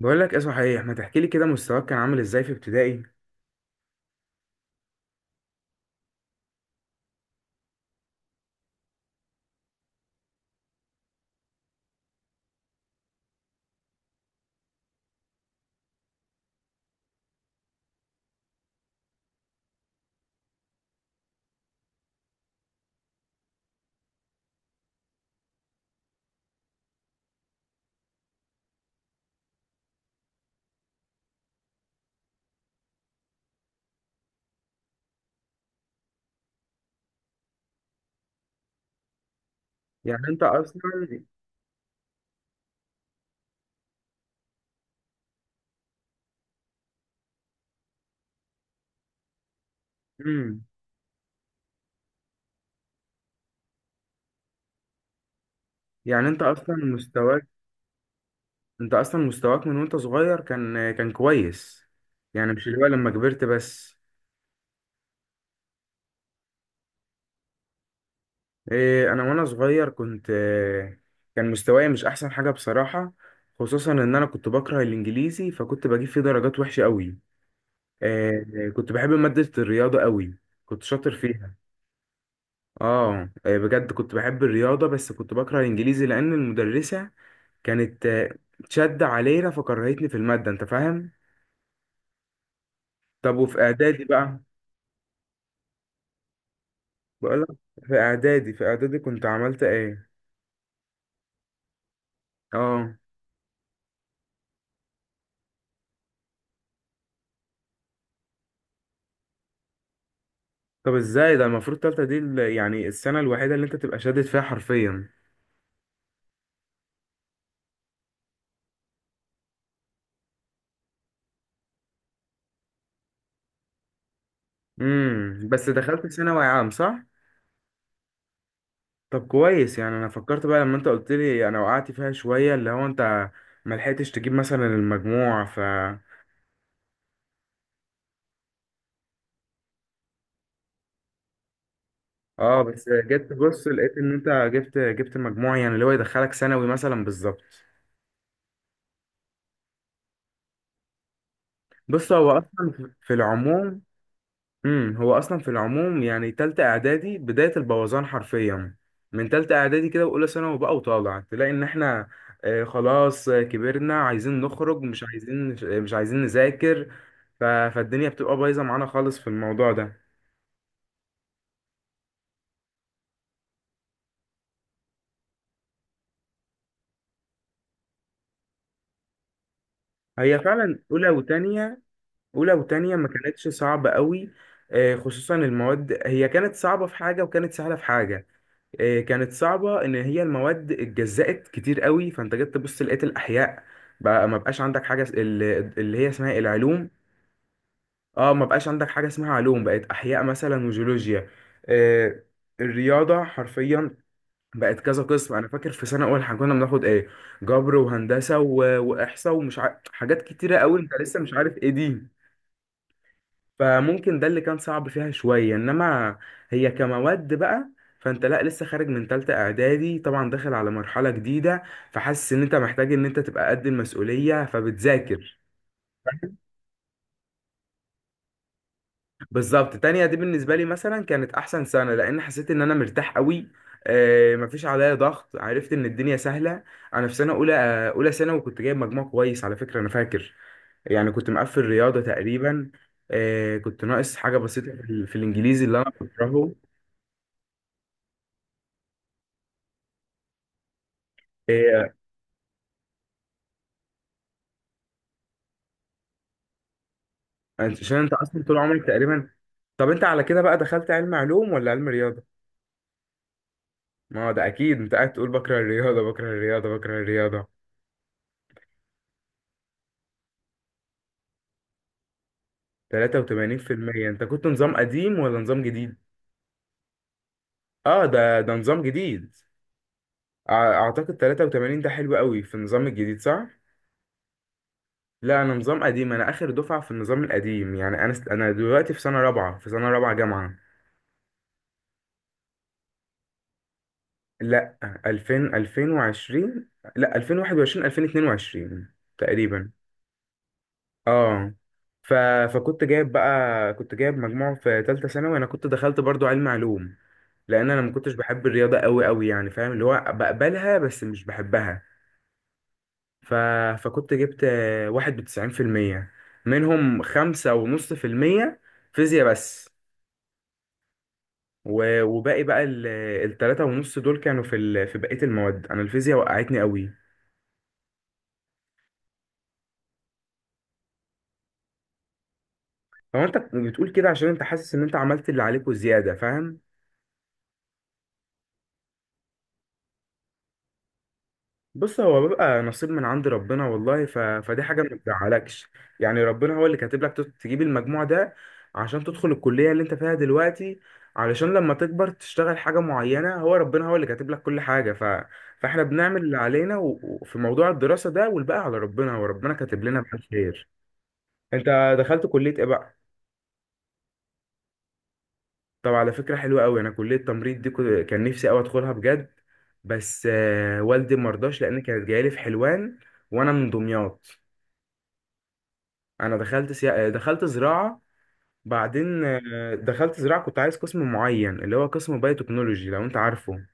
بقول لك ايه صحيح، ما تحكي لي كده مستواك كان عامل ازاي في ابتدائي؟ يعني انت اصلا امم يعني انت اصلا مستواك انت اصلا مستواك من وانت صغير كان كويس، يعني مش اللي هو لما كبرت بس. إيه، انا وانا صغير كنت كان مستواي مش احسن حاجة بصراحة. خصوصا ان انا كنت بكره الانجليزي، فكنت بجيب فيه درجات وحشة قوي. إيه، كنت بحب مادة الرياضة قوي، كنت شاطر فيها. اه بجد كنت بحب الرياضة، بس كنت بكره الانجليزي لان المدرسة كانت شد علينا فكرهتني في المادة، انت فاهم. طب وفي اعدادي بقى؟ بقولك، في اعدادي، في اعدادي كنت عملت ايه؟ اه. طب ازاي ده؟ المفروض تالتة دي يعني السنة الوحيدة اللي انت تبقى شادد فيها حرفيا. امم، بس دخلت ثانوي عام صح؟ طب كويس. يعني انا فكرت بقى لما انت قلت لي، انا وقعت فيها شوية، اللي هو انت ما لحقتش تجيب مثلا المجموع ف... اه، بس جيت بص لقيت ان انت جبت مجموع يعني اللي هو يدخلك ثانوي مثلا بالظبط. بص، هو اصلا في العموم. امم، هو اصلا في العموم يعني تالتة اعدادي بداية البوظان حرفيا. من تالتة اعدادي كده واولى ثانوي بقى وطالع تلاقي ان احنا خلاص كبرنا، عايزين نخرج، مش عايزين نذاكر. فالدنيا بتبقى بايظة معانا خالص في الموضوع ده. هي فعلا اولى وتانية، اولى وتانية ما كانتش صعبة قوي. خصوصا المواد، هي كانت صعبة في حاجة وكانت سهلة في حاجة. كانت صعبة إن هي المواد اتجزأت كتير قوي، فأنت جيت تبص لقيت الأحياء بقى، ما بقاش عندك حاجة اللي هي اسمها العلوم. اه، ما بقاش عندك حاجة اسمها علوم، بقت أحياء مثلا وجيولوجيا. آه، الرياضة حرفيا بقت كذا قسم. أنا فاكر في سنة أول احنا كنا بناخد إيه، جبر وهندسة وإحصاء ومش حاجات كتيرة قوي أنت لسه مش عارف إيه دي. فممكن ده اللي كان صعب فيها شوية، انما هي كمواد بقى. فانت لا، لسه خارج من تالتة اعدادي طبعا، داخل على مرحلة جديدة، فحاسس ان انت محتاج ان انت تبقى قد المسؤولية فبتذاكر. بالظبط. تانية دي بالنسبة لي مثلا كانت أحسن سنة، لأن حسيت إن أنا مرتاح قوي. مفيش عليا ضغط، عرفت إن الدنيا سهلة. أنا في سنة أولى أولى ثانوي وكنت جايب مجموع كويس على فكرة، أنا فاكر. يعني كنت مقفل رياضة تقريبا. كنت ناقص حاجة بسيطة في في الإنجليزي اللي أنا بكرهه. إيه، عشان انت اصلا طول عمرك تقريبا. طب انت على كده بقى دخلت علم علوم ولا علم رياضه؟ ما هو ده اكيد، انت قاعد تقول بكره الرياضه، بكره الرياضه، بكره الرياضه. 83% انت كنت نظام قديم ولا نظام جديد؟ اه، ده نظام جديد. اعتقد 83 ده حلو قوي في النظام الجديد صح؟ لا، انا نظام قديم، انا اخر دفعه في النظام القديم. يعني انا انا دلوقتي في سنه رابعه، جامعه. لا، 2000، 2020. لا، 2021، 2022 تقريبا. اه. ف... فكنت جايب بقى، كنت جايب مجموع في تالتة ثانوي. انا كنت دخلت برضو علم علوم لان انا ما كنتش بحب الرياضة قوي قوي، يعني فاهم اللي هو بقبلها بس مش بحبها. ف... فكنت جبت 91%، منهم 5.5% فيزياء بس. وباقي بقى 3.5 دول كانوا في في بقية المواد. انا الفيزياء وقعتني قوي. هو انت بتقول كده عشان انت حاسس ان انت عملت اللي عليك وزيادة، فاهم؟ بص، هو بيبقى نصيب من عند ربنا، والله. فدي حاجة ما بتزعلكش. يعني ربنا هو اللي كاتب لك تجيب المجموع ده عشان تدخل الكلية اللي انت فيها دلوقتي. علشان لما تكبر تشتغل حاجة معينة. هو ربنا هو اللي كاتب لك كل حاجة. فاحنا بنعمل اللي علينا وفي موضوع الدراسة ده، والباقي على ربنا، هو ربنا كاتب لنا بقى الخير. انت دخلت كلية ايه بقى؟ طب على فكرة حلوة قوي. انا كلية تمريض دي كان نفسي قوي ادخلها بجد، بس والدي مرضاش لان كانت جايلي في حلوان وانا من دمياط. انا دخلت دخلت زراعه. بعدين دخلت زراعه، كنت عايز قسم معين اللي هو قسم بايوتكنولوجي، لو انت عارفه.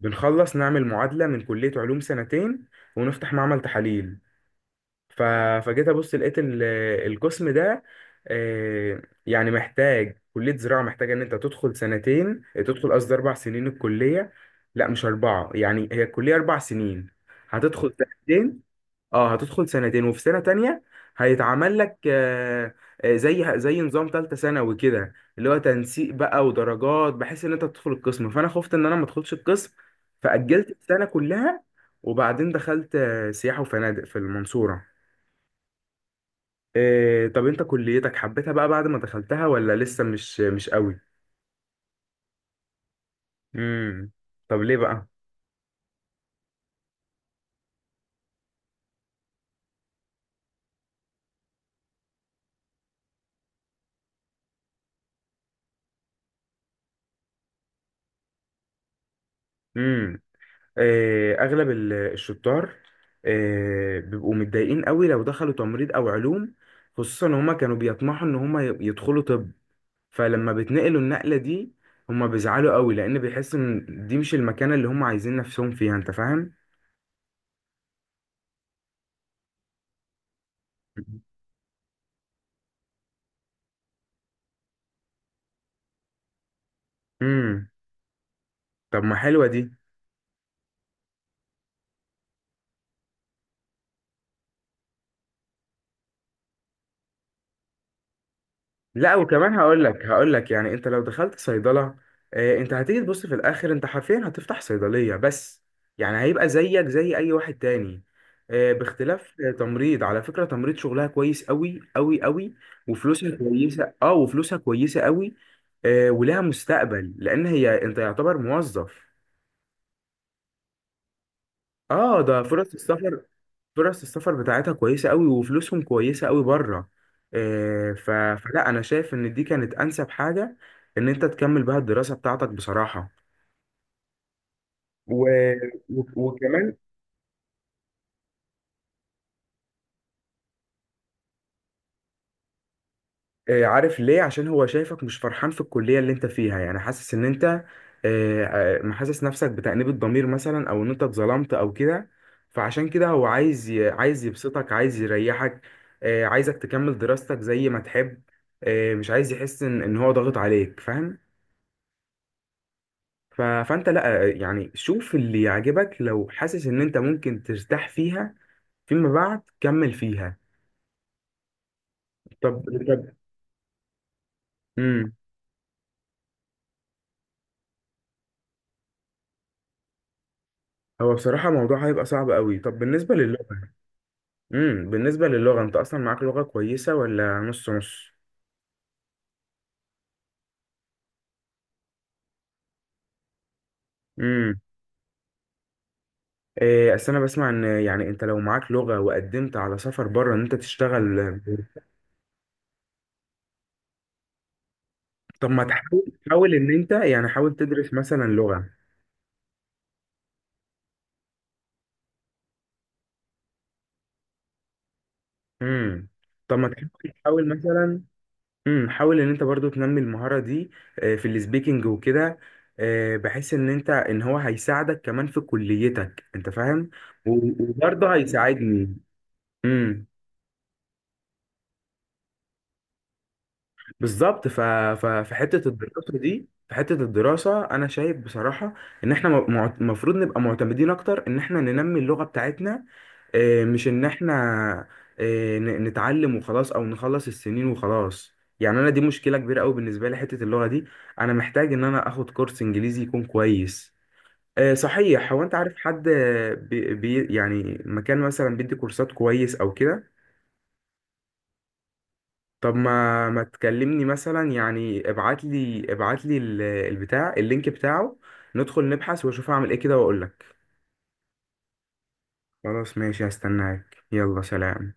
بنخلص نعمل معادله من كليه علوم سنتين ونفتح معمل تحاليل. ف... فجيت ابص لقيت القسم ده يعني محتاج، كليه زراعه محتاجه ان انت تدخل سنتين، تدخل قصدي اربع سنين الكليه، لا مش اربعه، يعني هي الكليه اربع سنين، هتدخل سنتين. اه، هتدخل سنتين وفي سنة تانية هيتعمل لك زي نظام تالتة ثانوي كده، اللي هو تنسيق بقى ودرجات، بحيث ان انت تدخل القسم. فانا خفت ان انا ما ادخلش القسم فأجلت السنة كلها. وبعدين دخلت سياحة وفنادق في المنصورة. طب انت كليتك حبيتها بقى بعد ما دخلتها ولا لسه مش؟ مش قوي. امم. طب ليه بقى؟ اغلب الشطار بيبقوا متضايقين قوي لو دخلوا تمريض او علوم، خصوصا ان هما كانوا بيطمحوا ان هما يدخلوا طب. فلما بتنقلوا النقلة دي هما بيزعلوا قوي، لان بيحسوا ان دي مش المكانة اللي هما عايزين نفسهم فيها، انت فاهم. امم. طب ما حلوة دي. لا وكمان هقول لك، يعني انت لو دخلت صيدله انت هتيجي تبص في الاخر انت حرفيا هتفتح صيدليه بس، يعني هيبقى زيك زي اي واحد تاني. باختلاف تمريض على فكره، تمريض شغلها كويس قوي قوي قوي وفلوسها كويسه. اه، وفلوسها كويسه قوي. ولها مستقبل، لان هي انت يعتبر موظف. اه، ده فرص السفر، فرص السفر بتاعتها كويسة قوي وفلوسهم كويسة قوي بره. آه، ف... فلا، أنا شايف إن دي كانت أنسب حاجة إن أنت تكمل بها الدراسة بتاعتك بصراحة. و... وكمان عارف ليه؟ عشان هو شايفك مش فرحان في الكلية اللي أنت فيها، يعني حاسس إن أنت محسس نفسك بتأنيب الضمير مثلا، أو إن أنت اتظلمت أو كده. فعشان كده هو عايز عايز يبسطك، عايز يريحك. عايزك تكمل دراستك زي ما تحب. مش عايز يحس إن هو ضاغط عليك، فاهم. فانت لا، يعني شوف اللي يعجبك، لو حاسس ان انت ممكن ترتاح فيها فيما بعد كمل فيها. طب. امم. هو بصراحة الموضوع هيبقى صعب قوي. طب بالنسبة للغة؟ امم، بالنسبة للغة، انت اصلا معاك لغة كويسة ولا نص نص؟ امم. إيه، اصل انا بسمع ان يعني انت لو معاك لغة وقدمت على سفر بره ان انت تشتغل. طب ما تحاول، ان انت يعني حاول تدرس مثلا لغة. امم. طب ما تحاول، مثلا. امم، حاول ان انت برضو تنمي المهارة دي في السبيكنج وكده، بحيث ان انت ان هو هيساعدك كمان في كليتك، انت فاهم. وبرضه هيساعدني. امم. بالظبط. في حتة الدراسة دي، في حتة الدراسة انا شايف بصراحة ان احنا المفروض نبقى معتمدين اكتر ان احنا ننمي اللغة بتاعتنا. مش ان احنا نتعلم وخلاص، او نخلص السنين وخلاص. يعني انا دي مشكله كبيره قوي بالنسبه لي حته اللغه دي. انا محتاج ان انا اخد كورس انجليزي يكون كويس. صحيح، هو انت عارف حد يعني مكان مثلا بيدي كورسات كويس او كده؟ طب ما تكلمني مثلا، يعني ابعت لي، البتاع اللينك بتاعه، ندخل نبحث واشوف اعمل ايه كده واقول لك. خلاص ماشي، هستناك، يلا سلام.